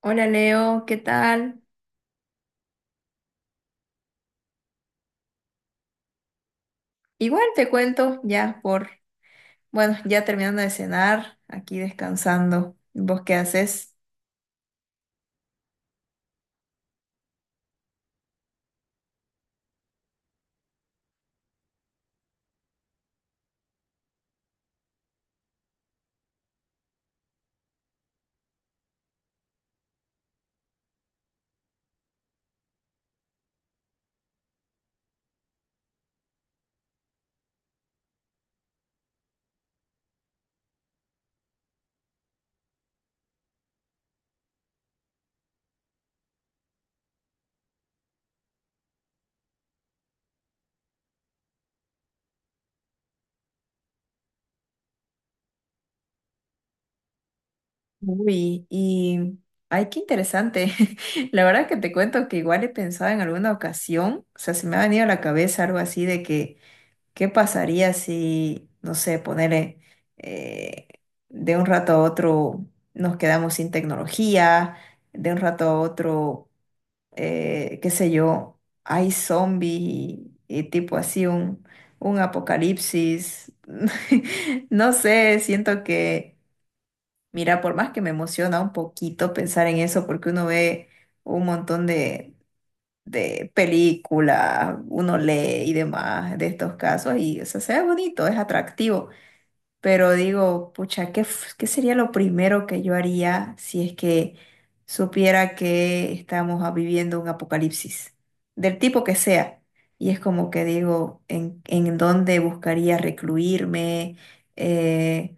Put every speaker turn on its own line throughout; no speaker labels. Hola Leo, ¿qué tal? Igual te cuento bueno, ya terminando de cenar, aquí descansando. ¿Vos qué haces? Uy, y ay, qué interesante. La verdad que te cuento que igual he pensado en alguna ocasión, o sea, se me ha venido a la cabeza algo así de que ¿qué pasaría si, no sé, ponerle de un rato a otro nos quedamos sin tecnología, de un rato a otro qué sé yo, hay zombies y tipo así un apocalipsis. No sé, siento que, mira, por más que me emociona un poquito pensar en eso, porque uno ve un montón de películas, uno lee y demás de estos casos, y o sea, se ve bonito, es atractivo. Pero digo, pucha, ¿qué, qué sería lo primero que yo haría si es que supiera que estamos ah, viviendo un apocalipsis, del tipo que sea? Y es como que digo, en dónde buscaría recluirme? Eh,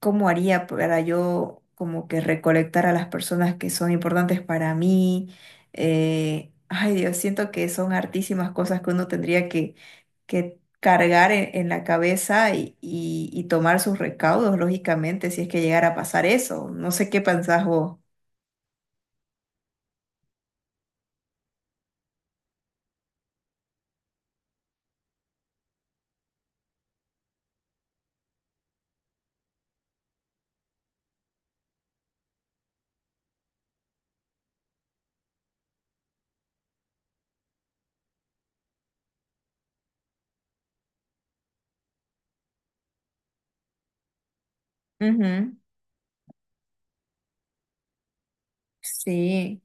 cómo haría para yo como que recolectar a las personas que son importantes para mí. Ay Dios, siento que son hartísimas cosas que uno tendría que cargar en la cabeza y tomar sus recaudos, lógicamente, si es que llegara a pasar eso. No sé qué pensás vos. Ujú. Sí.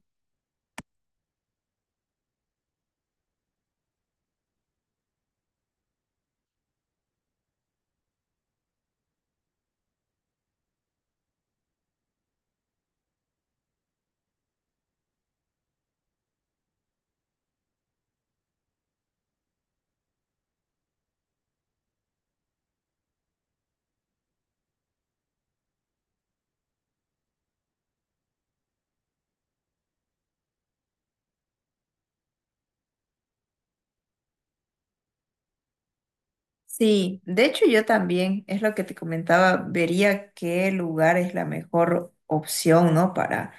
Sí, de hecho yo también, es lo que te comentaba, vería qué lugar es la mejor opción, ¿no?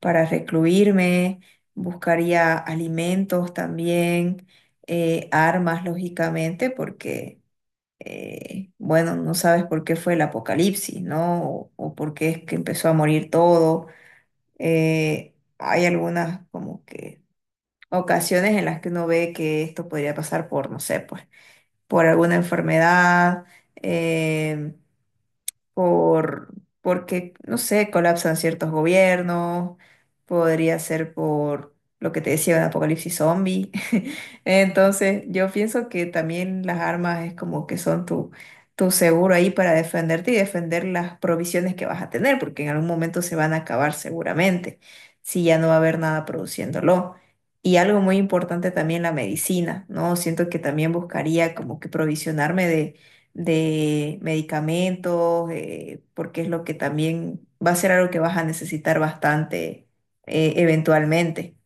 Para recluirme, buscaría alimentos también, armas, lógicamente, porque, bueno, no sabes por qué fue el apocalipsis, ¿no? O por qué es que empezó a morir todo. Hay algunas como que ocasiones en las que uno ve que esto podría pasar por, no sé, pues por alguna enfermedad, eh, por, porque, no sé, colapsan ciertos gobiernos, podría ser por lo que te decía de apocalipsis zombie. Entonces, yo pienso que también las armas es como que son tu, tu seguro ahí para defenderte y defender las provisiones que vas a tener, porque en algún momento se van a acabar seguramente, si ya no va a haber nada produciéndolo. Y algo muy importante también la medicina, ¿no? Siento que también buscaría como que provisionarme de medicamentos, porque es lo que también va a ser algo que vas a necesitar bastante eventualmente.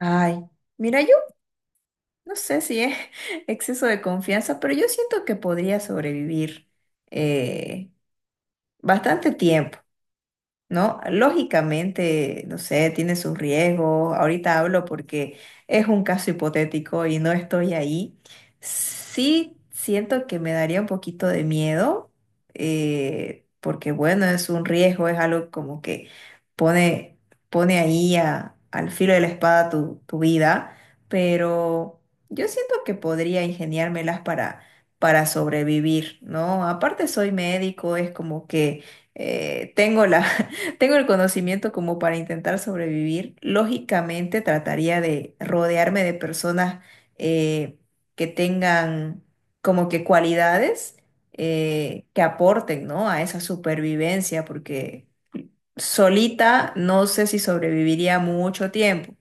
Ay, mira, yo no sé si es exceso de confianza, pero yo siento que podría sobrevivir eh, bastante tiempo. ¿No? Lógicamente, no sé, tiene sus riesgos. Ahorita hablo porque es un caso hipotético y no estoy ahí. Sí siento que me daría un poquito de miedo, porque bueno, es un riesgo, es algo como que pone, pone ahí al filo de la espada tu vida, pero yo siento que podría ingeniármelas para sobrevivir, ¿no? Aparte soy médico, es como que tengo la, tengo el conocimiento como para intentar sobrevivir. Lógicamente trataría de rodearme de personas eh, que tengan como que cualidades que aporten, ¿no? A esa supervivencia, porque solita no sé si sobreviviría mucho tiempo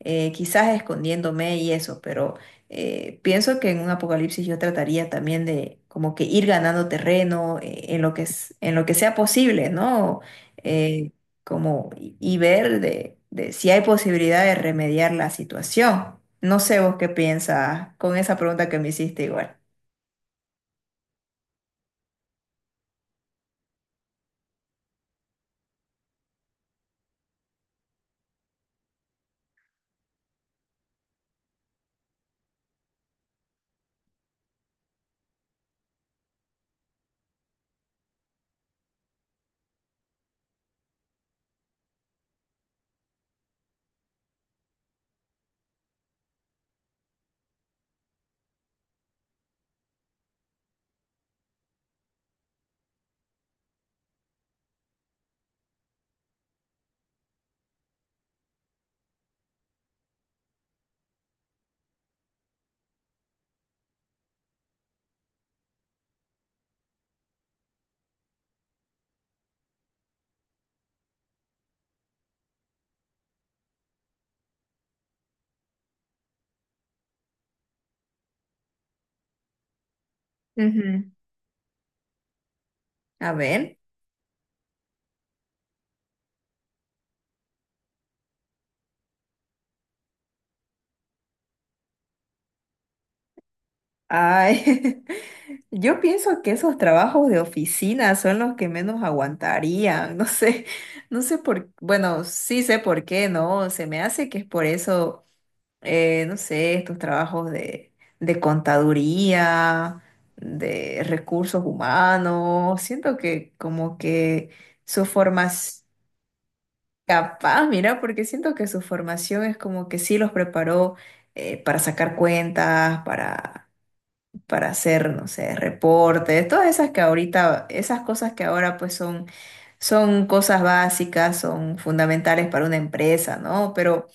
quizás escondiéndome y eso, pero pienso que en un apocalipsis yo trataría también de como que ir ganando terreno en lo que es, en lo que sea posible, ¿no? Eh, y ver de si hay posibilidad de remediar la situación. No sé vos qué piensas con esa pregunta que me hiciste igual. Ujú. A ver. Ay. Yo pienso que esos trabajos de oficina son los que menos aguantarían. No sé, no sé por, bueno, sí sé por qué, ¿no? Se me hace que es por eso, no sé, estos trabajos de contaduría, de recursos humanos. Siento que como que su formación, capaz, mira, porque siento que su formación es como que sí los preparó para sacar cuentas, para hacer, no sé, reportes, todas esas que ahorita, esas cosas que ahora pues son, son cosas básicas, son fundamentales para una empresa, ¿no? Pero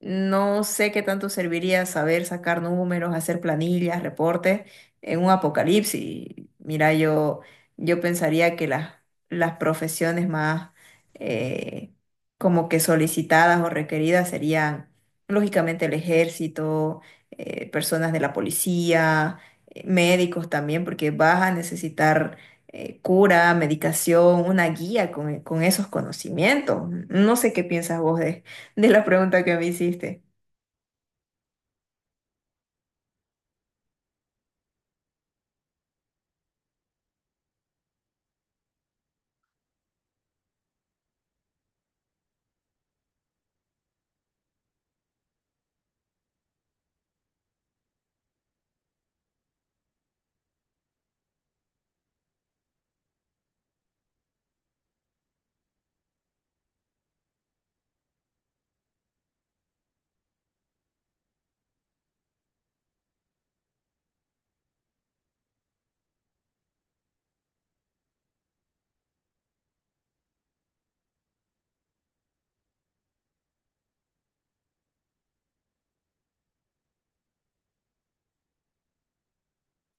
no sé qué tanto serviría saber sacar números, hacer planillas, reportes en un apocalipsis. Mira, yo pensaría que las profesiones más eh, como que solicitadas o requeridas serían, lógicamente, el ejército, personas de la policía, médicos también, porque vas a necesitar cura, medicación, una guía con esos conocimientos. No sé qué piensas vos de la pregunta que me hiciste.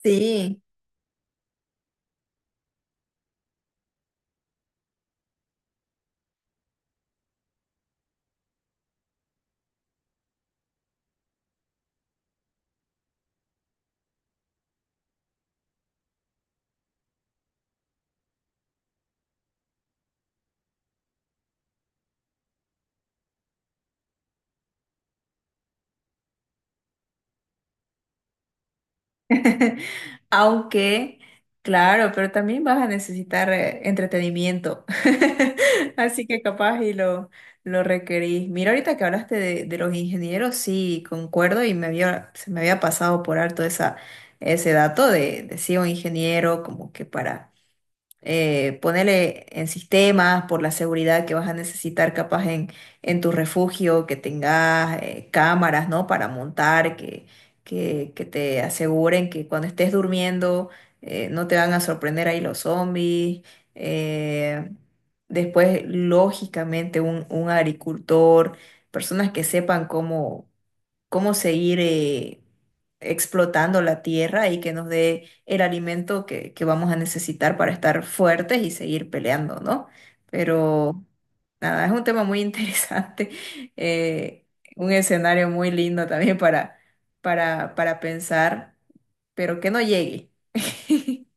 Sí, aunque, claro, pero también vas a necesitar entretenimiento. Así que capaz y lo requerís. Mira, ahorita que hablaste de los ingenieros, sí, concuerdo y me había, se me había pasado por alto ese dato de sí, un ingeniero como que para... ponerle en sistemas por la seguridad que vas a necesitar capaz en tu refugio, que tengas cámaras, ¿no? Para montar, que te aseguren que cuando estés durmiendo no te van a sorprender ahí los zombies. Eh, después, lógicamente, un agricultor, personas que sepan cómo cómo seguir explotando la tierra y que nos dé el alimento que vamos a necesitar para estar fuertes y seguir peleando, ¿no? Pero nada, es un tema muy interesante, eh, un escenario muy lindo también para pensar, pero que no llegue.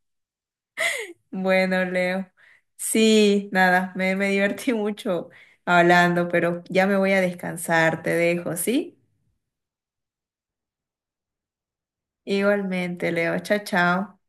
Bueno, Leo. Sí, nada, me divertí mucho hablando, pero ya me voy a descansar, te dejo, ¿sí? Igualmente, Leo. Chao, chao.